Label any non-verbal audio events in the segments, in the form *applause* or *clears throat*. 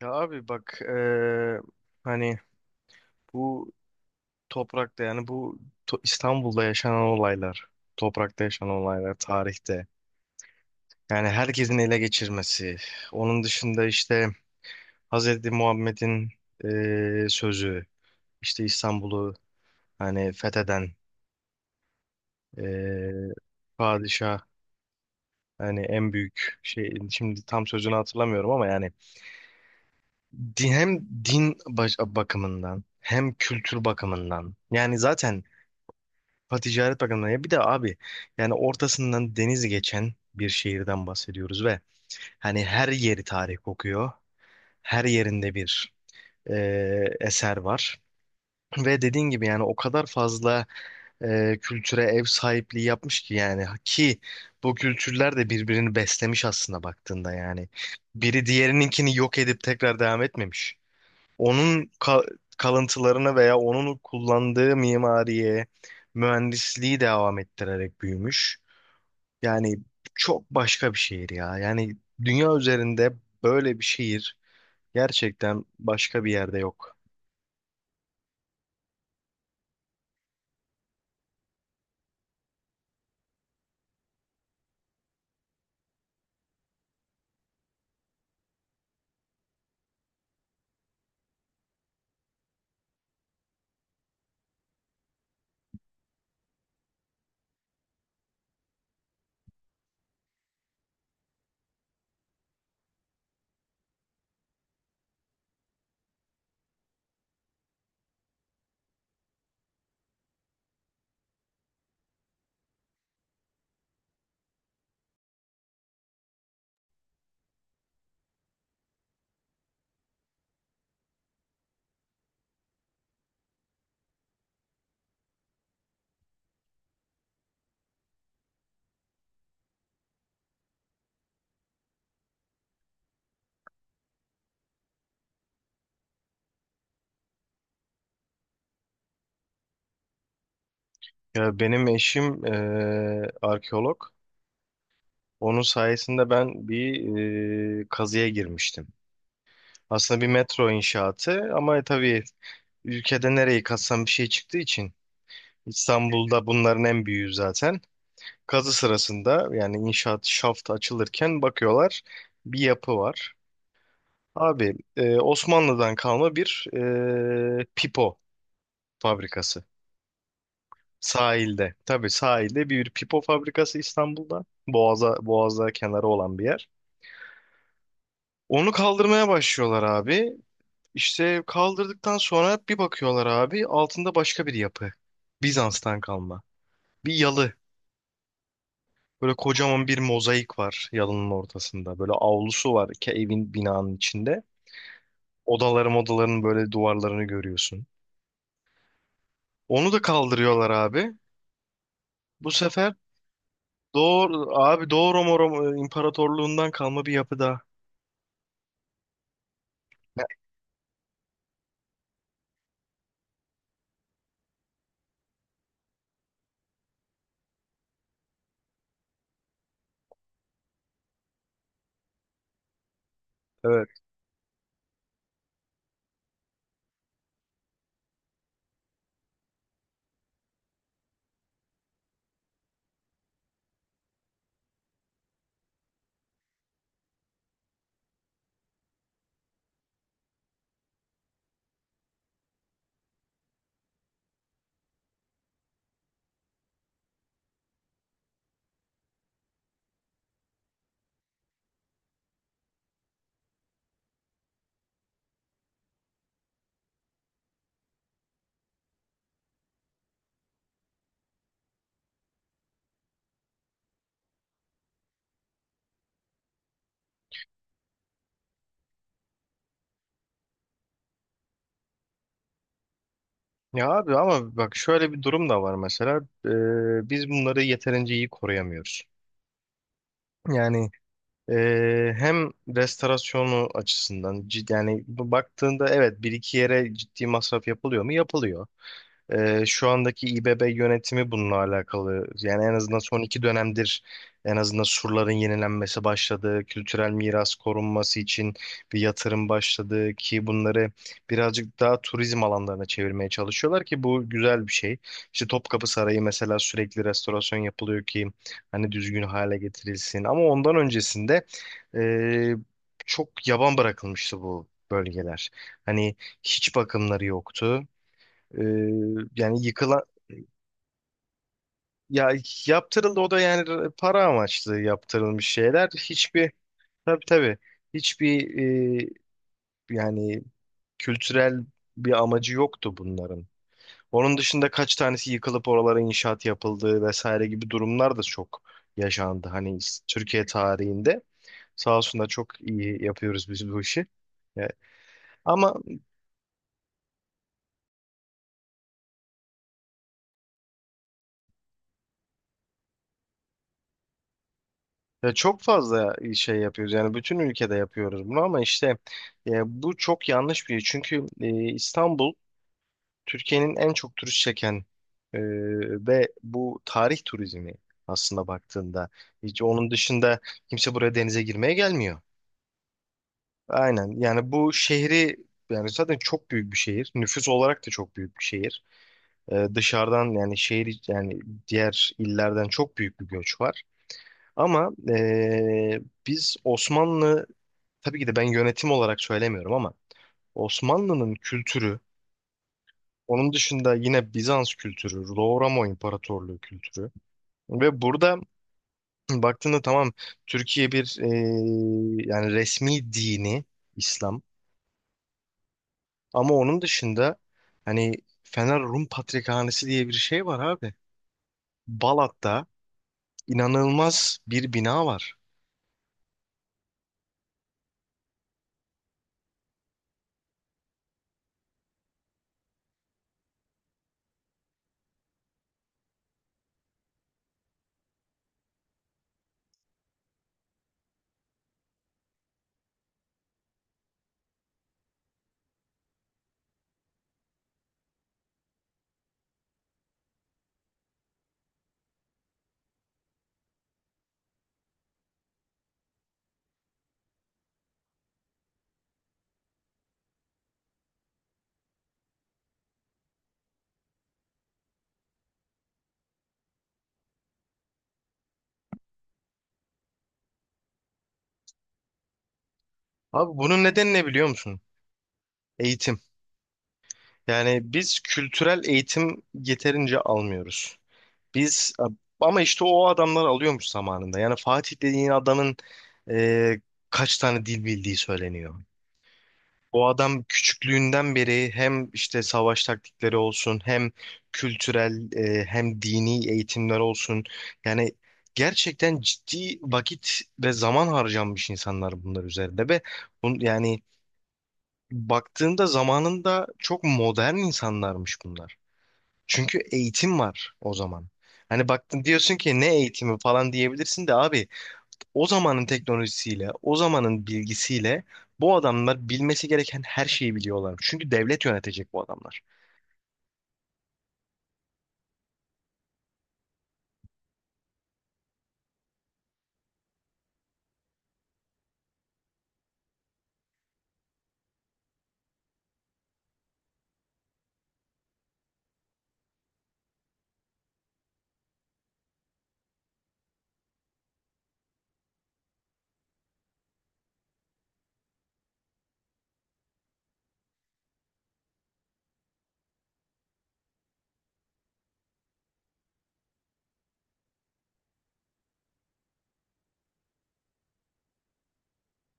Ya abi bak hani bu toprakta yani bu İstanbul'da yaşanan olaylar, toprakta yaşanan olaylar tarihte. Yani herkesin ele geçirmesi. Onun dışında işte Hazreti Muhammed'in sözü, işte İstanbul'u hani fetheden eee, padişah hani en büyük şey şimdi tam sözünü hatırlamıyorum ama yani din, hem din bakımından hem kültür bakımından yani zaten. Ha, Ticaret Bakanlığı'na ya bir de abi yani ortasından deniz geçen bir şehirden bahsediyoruz ve hani her yeri tarih kokuyor. Her yerinde bir e, eser var. Ve dediğin gibi yani o kadar fazla kültüre ev sahipliği yapmış ki yani ki bu kültürler de birbirini beslemiş aslında baktığında yani. Biri diğerininkini yok edip tekrar devam etmemiş onun kalıntılarını veya onun kullandığı mimariye, mühendisliği devam ettirerek büyümüş. Yani çok başka bir şehir ya. Yani dünya üzerinde böyle bir şehir gerçekten başka bir yerde yok. Ya benim eşim arkeolog. Onun sayesinde ben bir kazıya girmiştim. Aslında bir metro inşaatı ama tabii ülkede nereyi kazsam bir şey çıktığı için İstanbul'da bunların en büyüğü zaten. Kazı sırasında yani inşaat şaftı açılırken bakıyorlar bir yapı var. Abi Osmanlı'dan kalma bir pipo fabrikası sahilde. Tabii sahilde bir pipo fabrikası İstanbul'da. Boğaz'a kenarı olan bir yer. Onu kaldırmaya başlıyorlar abi. İşte kaldırdıktan sonra bir bakıyorlar abi altında başka bir yapı. Bizans'tan kalma. Bir yalı. Böyle kocaman bir mozaik var yalının ortasında. Böyle avlusu var ki evin binanın içinde. Odaların böyle duvarlarını görüyorsun. Onu da kaldırıyorlar abi. Bu sefer doğru abi Roma İmparatorluğundan kalma bir yapı daha. Evet. Ya abi ama bak şöyle bir durum da var mesela. Biz bunları yeterince iyi koruyamıyoruz. Yani hem restorasyonu açısından yani bu baktığında evet bir iki yere ciddi masraf yapılıyor mu? Yapılıyor. Şu andaki İBB yönetimi bununla alakalı. Yani en azından son iki dönemdir en azından surların yenilenmesi başladı. Kültürel miras korunması için bir yatırım başladı ki bunları birazcık daha turizm alanlarına çevirmeye çalışıyorlar ki bu güzel bir şey. İşte Topkapı Sarayı mesela sürekli restorasyon yapılıyor ki hani düzgün hale getirilsin. Ama ondan öncesinde e, çok yaban bırakılmıştı bu bölgeler. Hani hiç bakımları yoktu. Ee, yani yıkılan, ya, yaptırıldı o da yani para amaçlı yaptırılmış şeyler. Hiçbir, tabii tabii, hiçbir e, yani kültürel bir amacı yoktu bunların. Onun dışında kaç tanesi yıkılıp oralara inşaat yapıldı vesaire gibi durumlar da çok yaşandı. Hani Türkiye tarihinde sağ olsun da çok iyi yapıyoruz biz bu işi. Ya. Ama. Ya çok fazla şey yapıyoruz yani bütün ülkede yapıyoruz bunu ama işte bu çok yanlış bir şey. Çünkü İstanbul Türkiye'nin en çok turist çeken, e, ve bu tarih turizmi aslında baktığında, hiç onun dışında kimse buraya denize girmeye gelmiyor. Aynen yani bu şehri, yani zaten çok büyük bir şehir. Nüfus olarak da çok büyük bir şehir. E, dışarıdan yani şehir yani diğer illerden çok büyük bir göç var. Ama biz Osmanlı, tabii ki de ben yönetim olarak söylemiyorum ama Osmanlı'nın kültürü, onun dışında yine Bizans kültürü, Doğu Roma İmparatorluğu kültürü ve burada *clears throat* baktığında tamam Türkiye bir yani resmi dini İslam ama onun dışında hani Fener Rum Patrikhanesi diye bir şey var abi. Balat'ta inanılmaz bir bina var. Abi bunun nedeni ne biliyor musun? Eğitim. Yani biz kültürel eğitim yeterince almıyoruz. Biz, ama işte o adamlar alıyormuş zamanında. Yani Fatih dediğin adamın e, kaç tane dil bildiği söyleniyor. O adam küçüklüğünden beri hem işte savaş taktikleri olsun hem kültürel, hem dini eğitimler olsun. Yani gerçekten ciddi vakit ve zaman harcanmış insanlar bunlar üzerinde ve bun, yani baktığında zamanında çok modern insanlarmış bunlar. Çünkü eğitim var o zaman. Hani baktın diyorsun ki ne eğitimi falan diyebilirsin de abi o zamanın teknolojisiyle, o zamanın bilgisiyle bu adamlar bilmesi gereken her şeyi biliyorlar. Çünkü devlet yönetecek bu adamlar.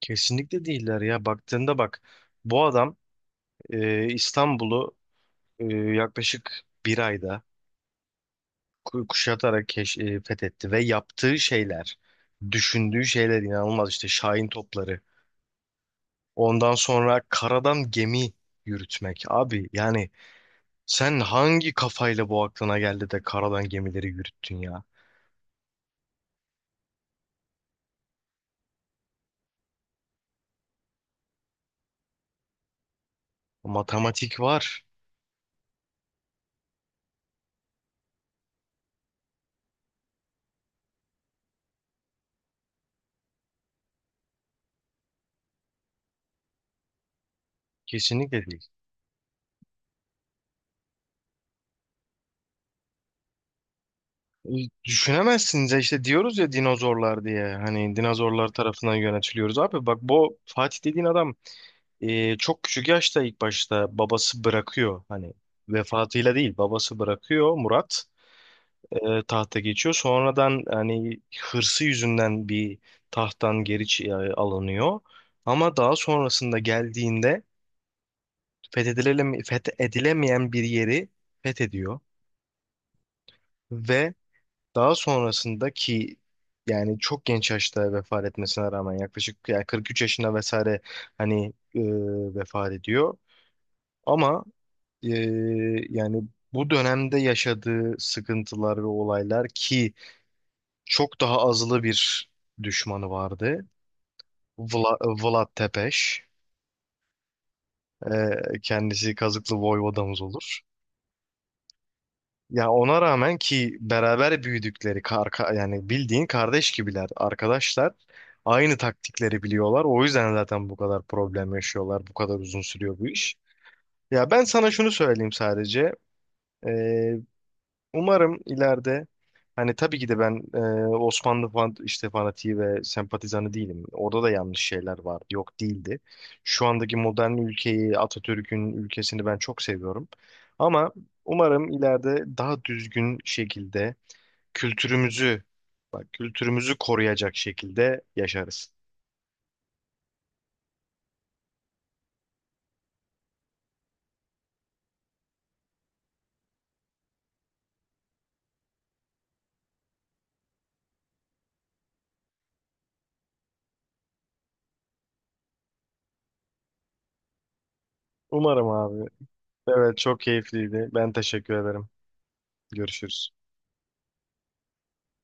Kesinlikle değiller ya. Baktığında bak bu adam İstanbul'u yaklaşık bir ayda kuşatarak fethetti ve yaptığı şeyler, düşündüğü şeyler inanılmaz işte Şahin topları. Ondan sonra karadan gemi yürütmek. Abi yani sen hangi kafayla bu aklına geldi de karadan gemileri yürüttün ya? Matematik var. Kesinlikle değil. E, Düşünemezsiniz ya, işte diyoruz ya dinozorlar diye. Hani dinozorlar tarafından yönetiliyoruz. Abi bak bu Fatih dediğin adam çok küçük yaşta ilk başta babası bırakıyor. Hani vefatıyla değil babası bırakıyor Murat. Tahta geçiyor. Sonradan hani hırsı yüzünden bir tahttan geri alınıyor. Ama daha sonrasında geldiğinde fethedilemeyen bir yeri fethediyor. Ve daha sonrasında ki yani çok genç yaşta vefat etmesine rağmen yaklaşık yani 43 yaşında vesaire hani e, vefat ediyor. Ama e, yani bu dönemde yaşadığı sıkıntılar ve olaylar ki çok daha azılı bir düşmanı vardı. Vla, Vlad Tepes. Kendisi Kazıklı Voyvodamız olur. Ya ona rağmen ki beraber büyüdükleri yani bildiğin kardeş gibiler arkadaşlar. Aynı taktikleri biliyorlar. O yüzden zaten bu kadar problem yaşıyorlar. Bu kadar uzun sürüyor bu iş. Ya ben sana şunu söyleyeyim sadece. Ee, Umarım ileride hani tabii ki de ben Osmanlı işte fanatiği ve sempatizanı değilim. Orada da yanlış şeyler vardı, yok değildi. Şu andaki modern ülkeyi, Atatürk'ün ülkesini ben çok seviyorum. Ama umarım ileride daha düzgün şekilde kültürümüzü, bak kültürümüzü koruyacak şekilde yaşarız. Umarım abi. Evet, çok keyifliydi. Ben teşekkür ederim. Görüşürüz.